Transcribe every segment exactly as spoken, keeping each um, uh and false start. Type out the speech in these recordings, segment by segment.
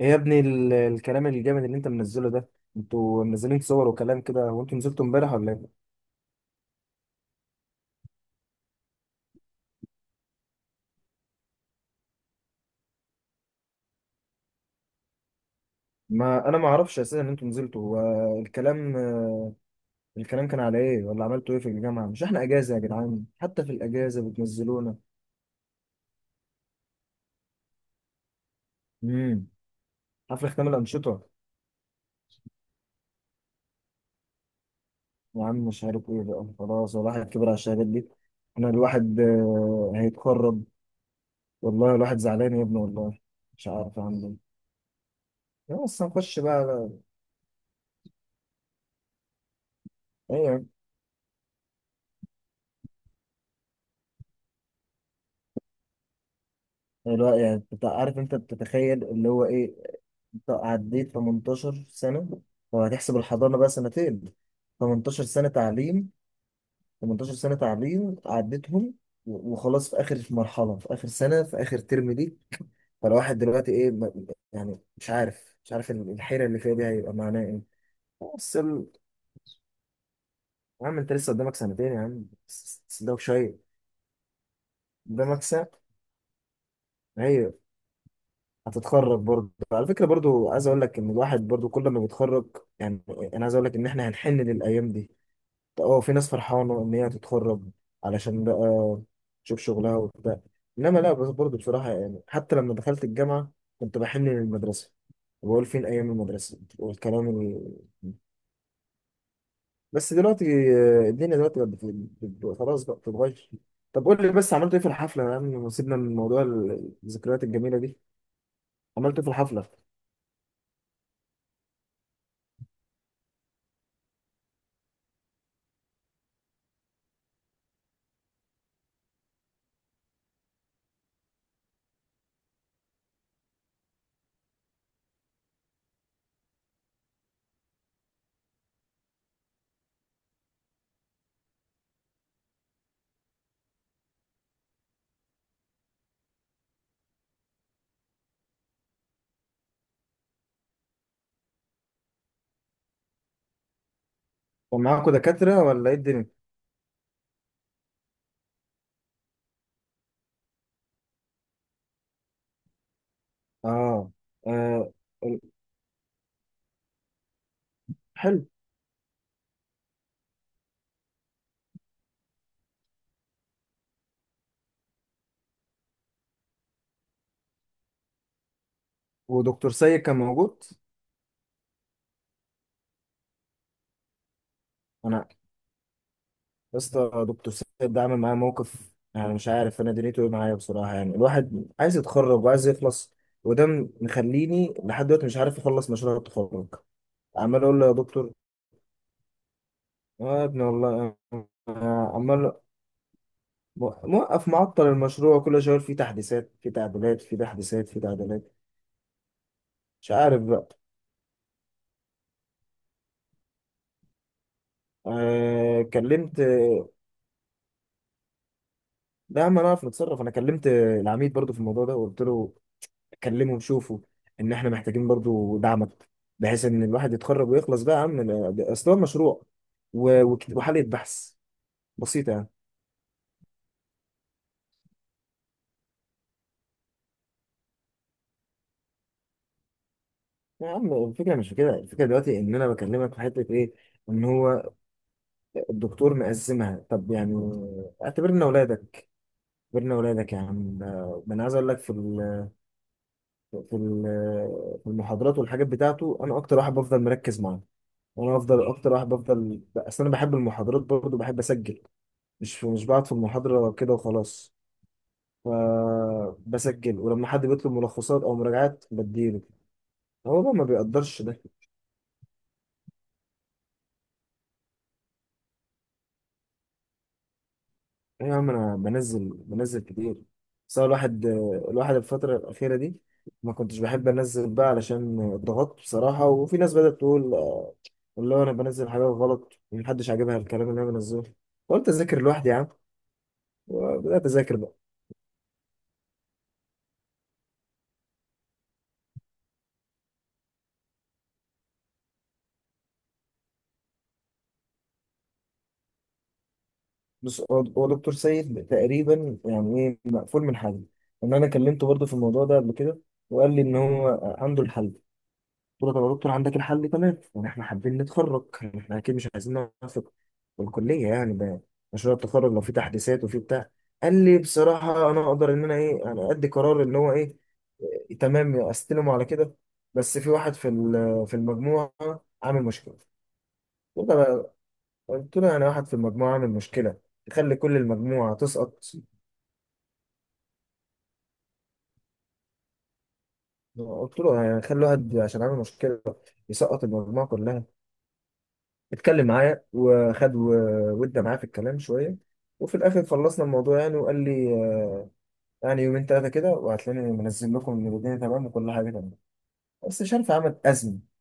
ايه يا ابني ال- الكلام الجامد اللي انت منزله ده؟ انتوا منزلين صور وكلام كده، هو انتوا نزلتوا امبارح ولا ايه؟ ما انا ما اعرفش اساسا ان انتوا نزلتوا. هو الكلام الكلام كان على ايه، ولا عملتوا ايه في الجامعه؟ مش احنا اجازه يا جدعان، حتى في الاجازه بتنزلونا. امم حفله ختام الانشطه. يا عم مش عارف ايه بقى، خلاص الواحد كبر على الشهادات دي. انا الواحد آه، هيتخرج. والله الواحد زعلان يا ابني والله. مش عارف اعمل ايه، بس هنخش بقى. ايه اللي هو يعني بتاع- عارف انت بتتخيل اللي هو ايه. انت عديت تمنتاشر سنة، لو هتحسب الحضانة بقى سنتين، تمنتاشر سنة تعليم تمنتاشر سنة تعليم عديتهم. و- وخلاص، في آخر مرحلة، في آخر سنة، في آخر ترم ليك. فالواحد دلوقتي ايه ما- يعني مش عارف مش عارف ال- الحيرة اللي فيها دي هيبقى معناها ايه؟ بس ال- يا عم انت لسه قدامك سنتين يا عم، بس- بس ده شوية. قدامك سنة. أيوة، هتتخرج برضه. على فكرة برضه عايز اقول لك ان الواحد برضه كل ما بيتخرج يعني، انا عايز اقول لك ان احنا هنحن للايام دي. اه، في ناس فرحانة ان هي تتخرج علشان بقى تشوف شغلها وبتاع، انما لا، بس برضه بصراحة يعني حتى لما دخلت الجامعة كنت بحن للمدرسة، وبقول فين ايام المدرسة والكلام ال... بس دلوقتي آه، الدنيا دلوقتي بقت بت- بت- خلاص بقى بتتغير. طب قول لي بس، عملت ايه في الحفلة يا عم، سيبنا من موضوع الذكريات الجميلة دي. عملت ايه في الحفلة؟ كان معاكوا دكاترة ولا ايه الدنيا؟ اه، آه، حلو. ودكتور سيد كان موجود. انا يا اسطى، دكتور سيد ده عامل معايا موقف يعني، مش عارف انا دنيته ايه معايا بصراحه. يعني الواحد عايز يتخرج وعايز يخلص، وده م- مخليني لحد دلوقتي مش عارف اخلص مشروع التخرج. عمال اقول له يا دكتور، اه يا ابني والله، آه، عمال مو- موقف معطل المشروع، كل شويه يقول فيه تحديثات، في تعديلات، في تحديثات، في تعديلات. مش عارف بقى. آه كلمت لا، ما نعرف نتصرف. انا كلمت العميد برضو في الموضوع ده وقلت له كلمه وشوفه، ان احنا محتاجين برضو دعمك بحيث ان الواحد يتخرج ويخلص بقى يا عم. ده- اصل هو مشروع و- وك- وحالة بحث بسيطة يعني. يا عم الفكرة مش في كده، الفكرة دلوقتي ان انا بكلمك في حتة ايه، ان هو الدكتور مقسمها. طب يعني اعتبرنا اولادك، اعتبرنا اولادك يا عم. ده ده انا عايز اقول لك في ال- في ال- في المحاضرات والحاجات بتاعته، انا اكتر واحد بفضل مركز معاه، انا افضل اكتر واحد بفضل. اصل انا بحب المحاضرات برضه، بحب اسجل، مش مش بعد في المحاضرة كده وخلاص. فبسجل، ولما حد بيطلب ملخصات أو مراجعات بديله، هو بقى ما بيقدرش ده. إيه يا عم، أنا بنزل بنزل كتير. بس هو الواحد الواحد الفترة الأخيرة دي ما كنتش بحب أنزل بقى علشان اتضغطت بصراحة، وفي ناس بدأت تقول آه، اللي هو أنا بنزل حاجات غلط، ومحدش عاجبها الكلام اللي أنا بنزله. قلت أذاكر لوحدي يا عم، وبدأت أذاكر بقى. بص، هو هو دكتور سيد تقريبا يعني ايه مقفول من حل. ان انا كلمته برضه في الموضوع ده قبل كده، وقال لي ان هو عنده الحل. قلت له طب يا دكتور، عندك الحل تمام، يعني احنا حابين نتخرج، يعني احنا اكيد مش عايزين نوافق الكليه يعني، ده مشروع التخرج لو في تحديثات وفي بتاع. قال لي بصراحه انا اقدر ان انا ايه يعني، ادي قرار اللي هو ايه، إيه، تمام، استلمه على كده، بس في واحد في ال- في المجموعه عامل مشكله. قلت له يعني واحد في المجموعة عامل مشكلة يخلي كل المجموعة تسقط؟ قلت له يعني خلي واحد عشان عامل مشكلة يسقط المجموعة كلها! اتكلم معايا وخد و- ودى معايا في الكلام شوية، وفي الآخر خلصنا الموضوع يعني، وقال لي آه، يعني يومين تلاتة كده وهتلاقيني منزل لكم إن الدنيا تمام وكل حاجة تمام. بس مش عارف، عمل أزمة،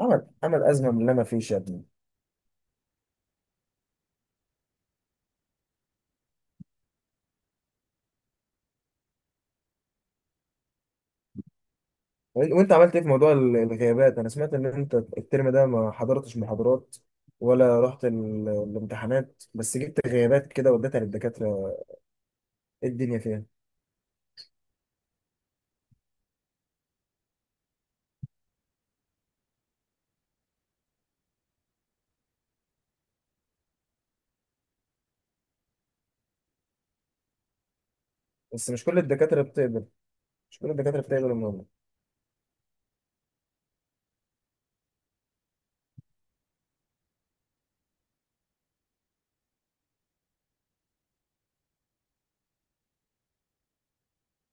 عمل عمل أزمة من اللي أنا فيه يا ابني. وانت عملت ايه في موضوع ال- الغيابات؟ انا سمعت ان انت الترم ده ما حضرتش محاضرات ولا رحت ال- الامتحانات، بس جبت غيابات كده وديتها للدكاترة. ايه الدنيا فيها. بس مش كل الدكاترة بتقبل مش كل الدكاترة بتقبل الموضوع.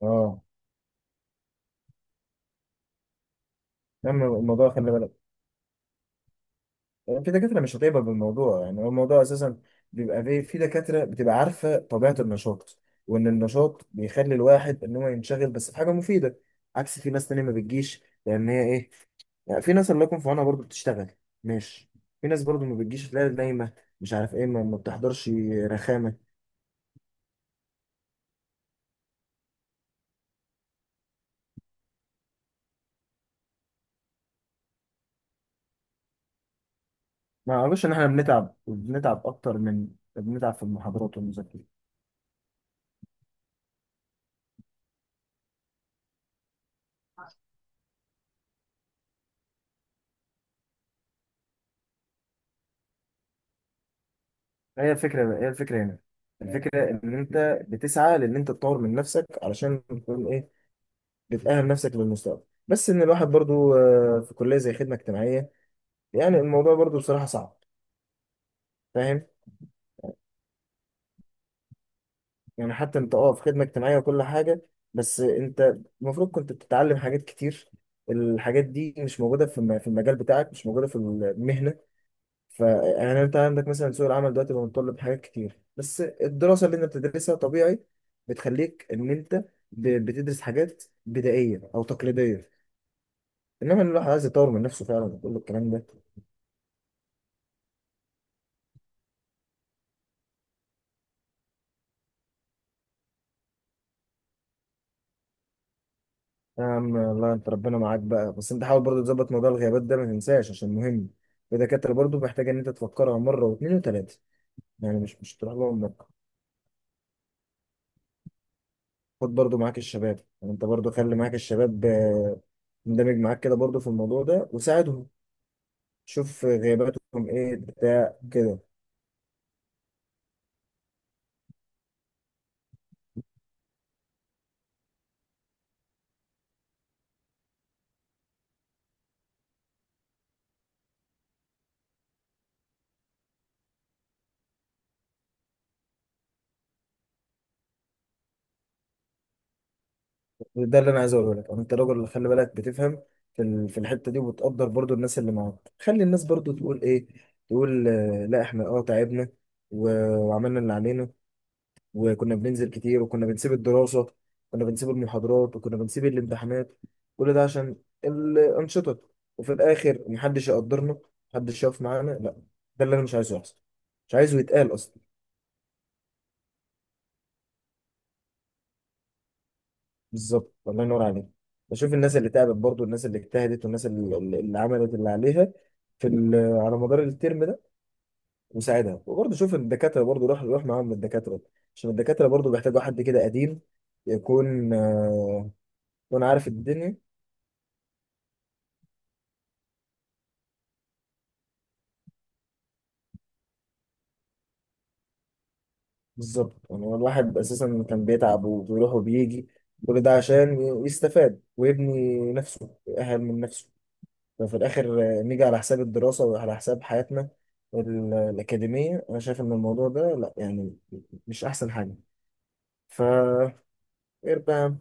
اه، اما الموضوع خلي بالك، يعني في دكاترة مش هتقبل بالموضوع. يعني هو الموضوع أساسا بيبقى في في دكاترة بتبقى عارفة طبيعة النشاط، وإن النشاط بيخلي الواحد إن هو ينشغل بس في حاجة مفيدة. عكس في ناس تانية ما بتجيش لأن هي إيه يعني، في ناس الله يكون في عونها برضه بتشتغل، ماشي. في ناس برضه ما بتجيش، تلاقي نايمة، مش عارف إيه، ما ما بتحضرش. رخامة. ما أعرفش إن إحنا بنتعب، وبنتعب أكتر من، بنتعب في المحاضرات والمذاكرة. هي الفكرة هي الفكرة هنا، الفكرة إن أنت بتسعى لأن أنت تطور من نفسك علشان تكون إيه، بتأهل نفسك للمستقبل. بس ان الواحد برضو آه، في كلية زي خدمة اجتماعية، يعني الموضوع برضو بصراحة صعب، فاهم؟ يعني حتى انت اه في خدمة اجتماعية وكل حاجة، بس انت المفروض كنت بتتعلم حاجات كتير، الحاجات دي مش موجودة في الم- في المجال بتاعك، مش موجودة في المهنة. ف يعني انت عندك مثلا سوق العمل دلوقتي بقى متطلب حاجات كتير، بس الدراسة اللي انت بتدرسها طبيعي بتخليك ان انت ب- بتدرس حاجات بدائية او تقليدية. انما إن الواحد عايز يطور من نفسه فعلا، وكل الكلام ده. يا عم الله انت، ربنا معاك بقى، بس انت حاول برضو تظبط موضوع الغيابات ده، ما تنساش عشان مهم، الدكاترة برضو محتاجة ان انت تفكرها مرة واثنين وثلاثة، يعني مش مش تروح لهم مرة. خد برضو معاك الشباب، يعني انت برضو خلي معاك الشباب، آه، اندمج معاك كده برضو في الموضوع ده، وساعدهم، شوف غياباتهم ايه بتاع كده. ده اللي انا عايز اقوله لك، انت راجل اللي خلي بالك بتفهم في ال- في الحتة دي، وبتقدر برضو الناس اللي معاك. خلي الناس برضو تقول ايه، تقول آه، لا، احنا اه تعبنا و- وعملنا اللي علينا، وكنا بننزل كتير، وكنا بنسيب الدراسة، كنا بنسيب المحاضرات، وكنا بنسيب الامتحانات، كل ده عشان الأنشطة، وفي الآخر محدش يقدرنا، محدش يقف معانا، لا. ده اللي أنا مش عايزه يحصل، مش عايزه يتقال أصلا. بالظبط، الله ينور عليك. بشوف الناس اللي تعبت برضو، الناس اللي اجتهدت، والناس اللي, اللي اللي عملت اللي عليها في ال- على مدار الترم ده، وساعدها. وبرضه شوف الدكاترة برضه، روح روح معاهم الدكاترة، عشان الدكاترة برضه بيحتاجوا حد كده قديم، يكون آه، يكون عارف الدنيا. بالظبط، يعني هو الواحد اساسا كان بيتعب وبيروح وبيجي، كل ده عشان ي- يستفاد ويبني نفسه، يأهل من نفسه. ففي الاخر آه، نيجي على حساب الدراسه وعلى حساب حياتنا ال- الاكاديميه. انا شايف ان الموضوع ده لا يعني، مش احسن حاجه. ف غير بقى،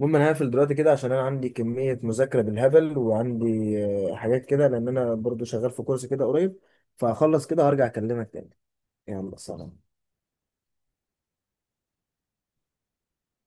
المهم انا هقفل دلوقتي كده عشان انا عندي كميه مذاكره بالهبل، وعندي آه، حاجات كده لان انا برضو شغال في كورس كده قريب، فهخلص كده وهرجع اكلمك تاني. يلا سلام.